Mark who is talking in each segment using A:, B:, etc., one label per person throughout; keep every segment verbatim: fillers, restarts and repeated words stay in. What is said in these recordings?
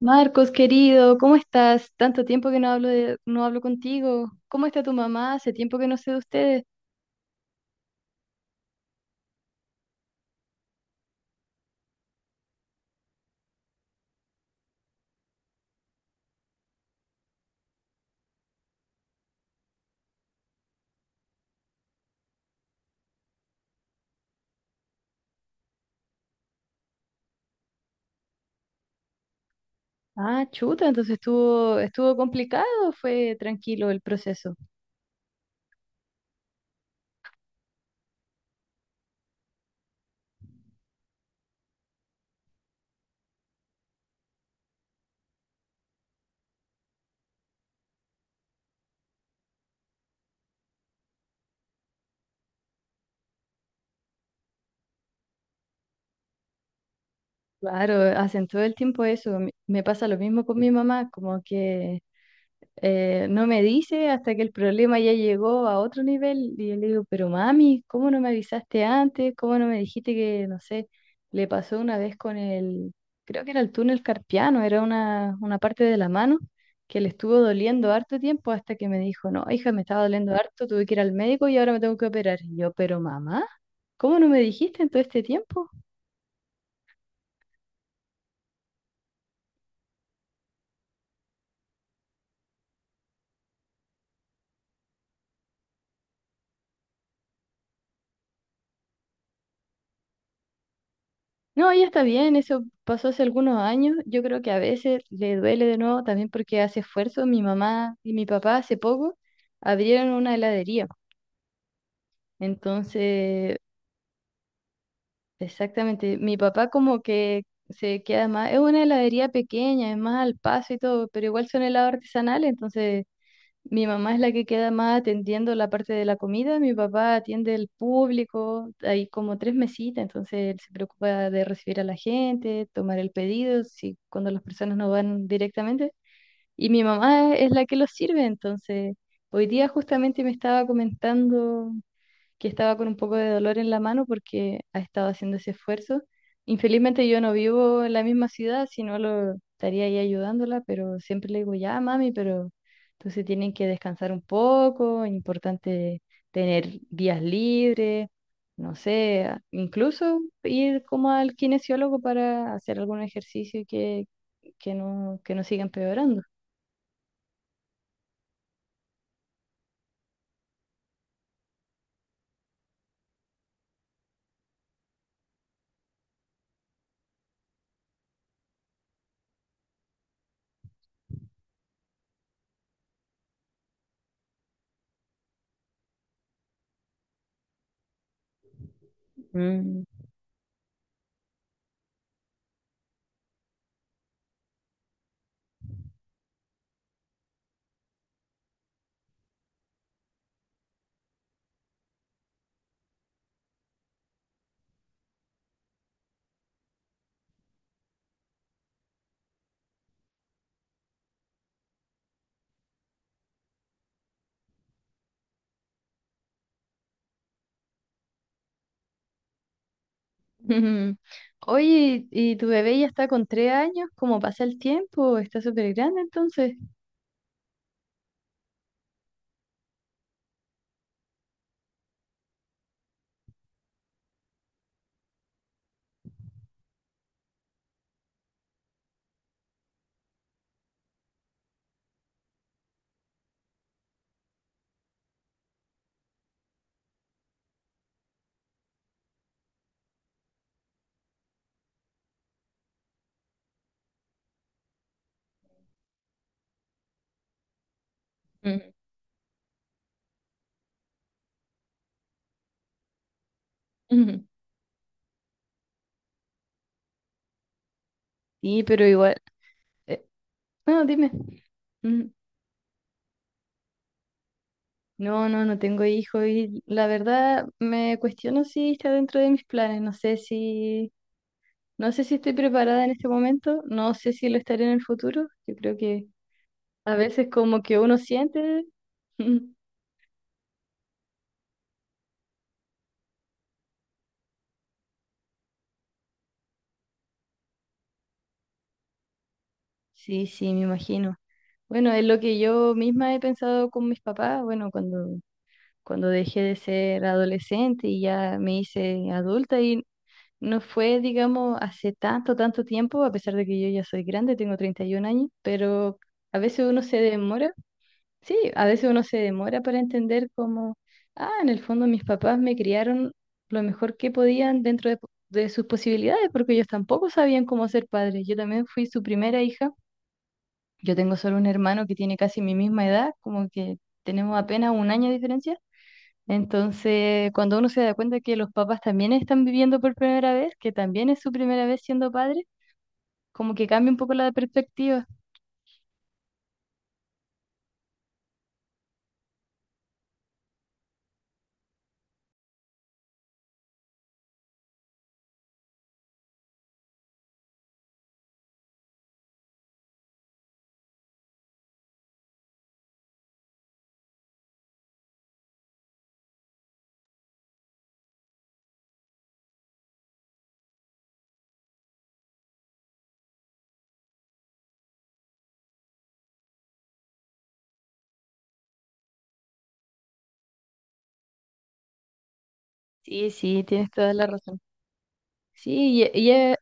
A: Marcos, querido, ¿cómo estás? Tanto tiempo que no hablo de- no hablo contigo. ¿Cómo está tu mamá? Hace tiempo que no sé de ustedes. Ah, chuta, entonces estuvo, estuvo complicado, o fue tranquilo el proceso. Claro, hacen todo el tiempo eso. Me me pasa lo mismo con mi mamá, como que eh, no me dice hasta que el problema ya llegó a otro nivel. Y yo le digo, pero mami, ¿cómo no me avisaste antes? ¿Cómo no me dijiste que, no sé, le pasó una vez con el, creo que era el túnel carpiano, era una, una parte de la mano que le estuvo doliendo harto tiempo hasta que me dijo, no, hija, me estaba doliendo harto, tuve que ir al médico y ahora me tengo que operar. Y yo, pero mamá, ¿cómo no me dijiste en todo este tiempo? No, ella está bien, eso pasó hace algunos años. Yo creo que a veces le duele de nuevo también porque hace esfuerzo. Mi mamá y mi papá hace poco abrieron una heladería. Entonces, exactamente, mi papá como que se queda más, es una heladería pequeña, es más al paso y todo, pero igual son helados artesanales, entonces mi mamá es la que queda más atendiendo la parte de la comida, mi papá atiende el público, hay como tres mesitas, entonces él se preocupa de recibir a la gente, tomar el pedido, si cuando las personas no van directamente, y mi mamá es la que los sirve, entonces hoy día justamente me estaba comentando que estaba con un poco de dolor en la mano porque ha estado haciendo ese esfuerzo. Infelizmente yo no vivo en la misma ciudad, si no lo estaría ahí ayudándola, pero siempre le digo, ya, mami, pero entonces tienen que descansar un poco, es importante tener días libres, no sé, a- incluso ir como al kinesiólogo para hacer algún ejercicio que, que no, que no siga empeorando. Mm. Ujú. Oye, ¿y tu bebé ya está con tres años? ¿Cómo pasa el tiempo? Está súper grande entonces. Ujú. Ujú. Sí, pero igual... eh, no, dime. Ujú. No, no, no tengo hijo y la verdad me cuestiono si está dentro de mis planes. No sé si... No sé si estoy preparada en este momento, no sé si lo estaré en el futuro. Yo creo que a veces como que uno siente... Ujú. Sí, sí, me imagino. Bueno, es lo que yo misma he pensado con mis papás, bueno, cuando cuando dejé de ser adolescente y ya me hice adulta y no fue, digamos, hace tanto, tanto tiempo, a pesar de que yo ya soy grande, tengo treinta y un años, pero a veces uno se demora, sí, a veces uno se demora para entender cómo, ah, en el fondo mis papás me criaron lo mejor que podían dentro de, po- de sus posibilidades, porque ellos tampoco sabían cómo ser padres. Yo también fui su primera hija. Yo tengo solo un hermano que tiene casi mi misma edad, como que tenemos apenas un año de diferencia. Entonces, cuando uno se da cuenta que los papás también están viviendo por primera vez, que también es su primera vez siendo padre, como que cambia un poco la perspectiva. Sí, sí, tienes toda la razón. Sí, y, y, eh,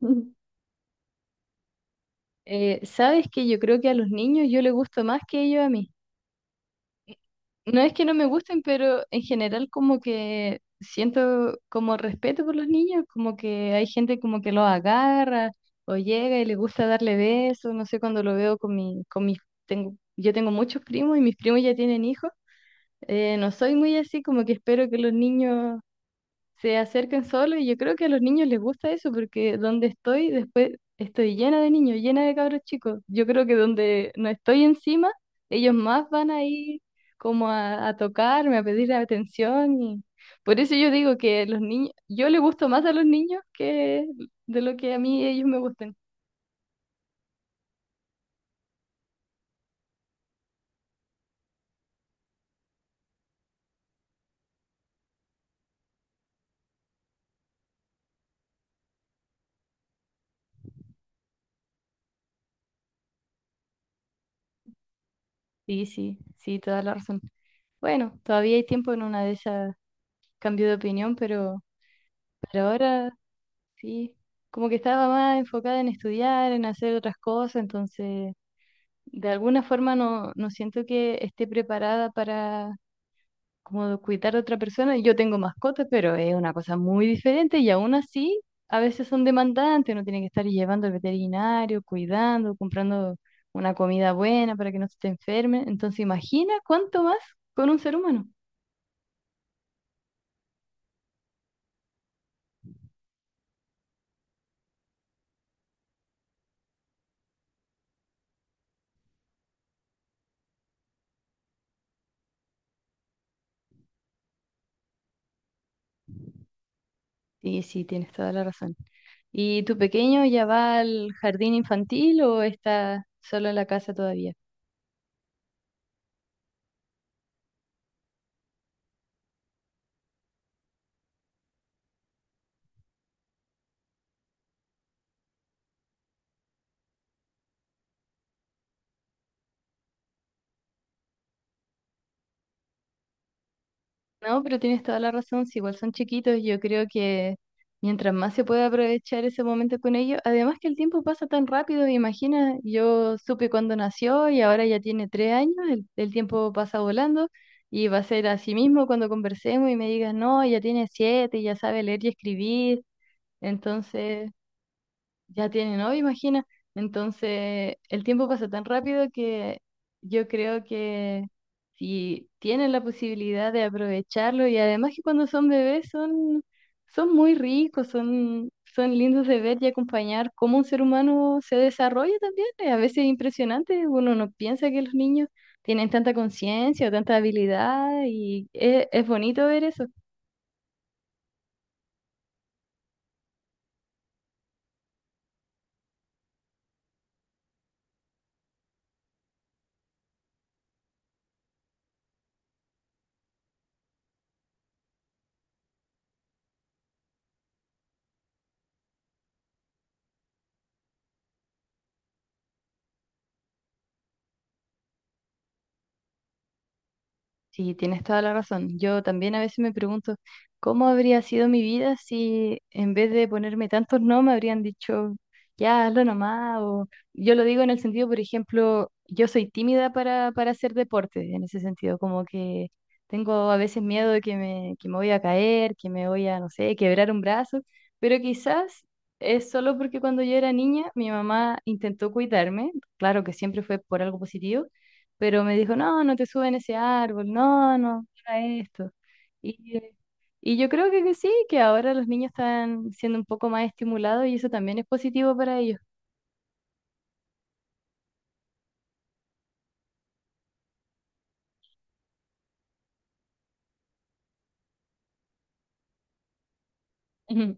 A: eh, sabes que yo creo que a los niños yo les gusto más que ellos a mí. No es que no me gusten, pero en general como que siento como respeto por los niños, como que hay gente como que los agarra o llega y le gusta darle besos, no sé, cuando lo veo con mi, con mis, tengo, yo tengo muchos primos y mis primos ya tienen hijos, eh, no soy muy así, como que espero que los niños se acerquen solos y yo creo que a los niños les gusta eso porque donde estoy después estoy llena de niños, llena de cabros chicos. Yo creo que donde no estoy encima, ellos más van a ir como a, a tocarme, a pedir atención y por eso yo digo que los niños, yo le gusto más a los niños que de lo que a mí ellos me gustan. Sí, sí, sí, toda la razón. Bueno, todavía hay tiempo en una de esas cambio de opinión, pero, pero ahora sí, como que estaba más enfocada en estudiar, en hacer otras cosas, entonces de alguna forma no, no siento que esté preparada para como cuidar a otra persona. Yo tengo mascotas, pero es una cosa muy diferente y aún así a veces son demandantes, uno tiene que estar llevando al veterinario, cuidando, comprando una comida buena para que no se te enferme. Entonces imagina cuánto más con un ser humano. Sí, sí, tienes toda la razón. ¿Y tu pequeño ya va al jardín infantil o está solo en la casa todavía? No, pero tienes toda la razón, si igual son chiquitos, yo creo que mientras más se puede aprovechar ese momento con ellos, además que el tiempo pasa tan rápido, imagina, yo supe cuando nació y ahora ya tiene tres años, el, el tiempo pasa volando y va a ser así mismo cuando conversemos y me digas, no, ya tiene siete, ya sabe leer y escribir, entonces... Ya tiene novio, imagina. Entonces, el tiempo pasa tan rápido que yo creo que si tienen la posibilidad de aprovecharlo y además que cuando son bebés son, son muy ricos, son, son lindos de ver y acompañar cómo un ser humano se desarrolla también. eh, A veces es impresionante, uno no piensa que los niños tienen tanta conciencia o tanta habilidad y es, es bonito ver eso. Sí, tienes toda la razón. Yo también a veces me pregunto cómo habría sido mi vida si en vez de ponerme tantos no me habrían dicho ya hazlo nomás. O yo lo digo en el sentido, por ejemplo, yo soy tímida para, para hacer deporte, en ese sentido, como que tengo a veces miedo de que me, que me voy a caer, que me voy a, no sé, quebrar un brazo, pero quizás es solo porque cuando yo era niña mi mamá intentó cuidarme, claro que siempre fue por algo positivo pero me dijo, no, no te suben ese árbol, no, no, mira esto. Y, eh, y yo creo que, que sí, que ahora los niños están siendo un poco más estimulados y eso también es positivo para ellos. Ujú.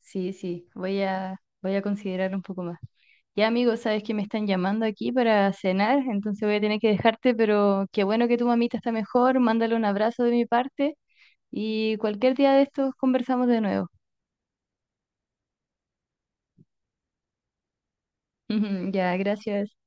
A: Sí, sí, voy a, voy a considerar un poco más. Ya, amigo, sabes que me están llamando aquí para cenar, entonces voy a tener que dejarte, pero qué bueno que tu mamita está mejor, mándale un abrazo de mi parte y cualquier día de estos conversamos de nuevo. Ya, gracias.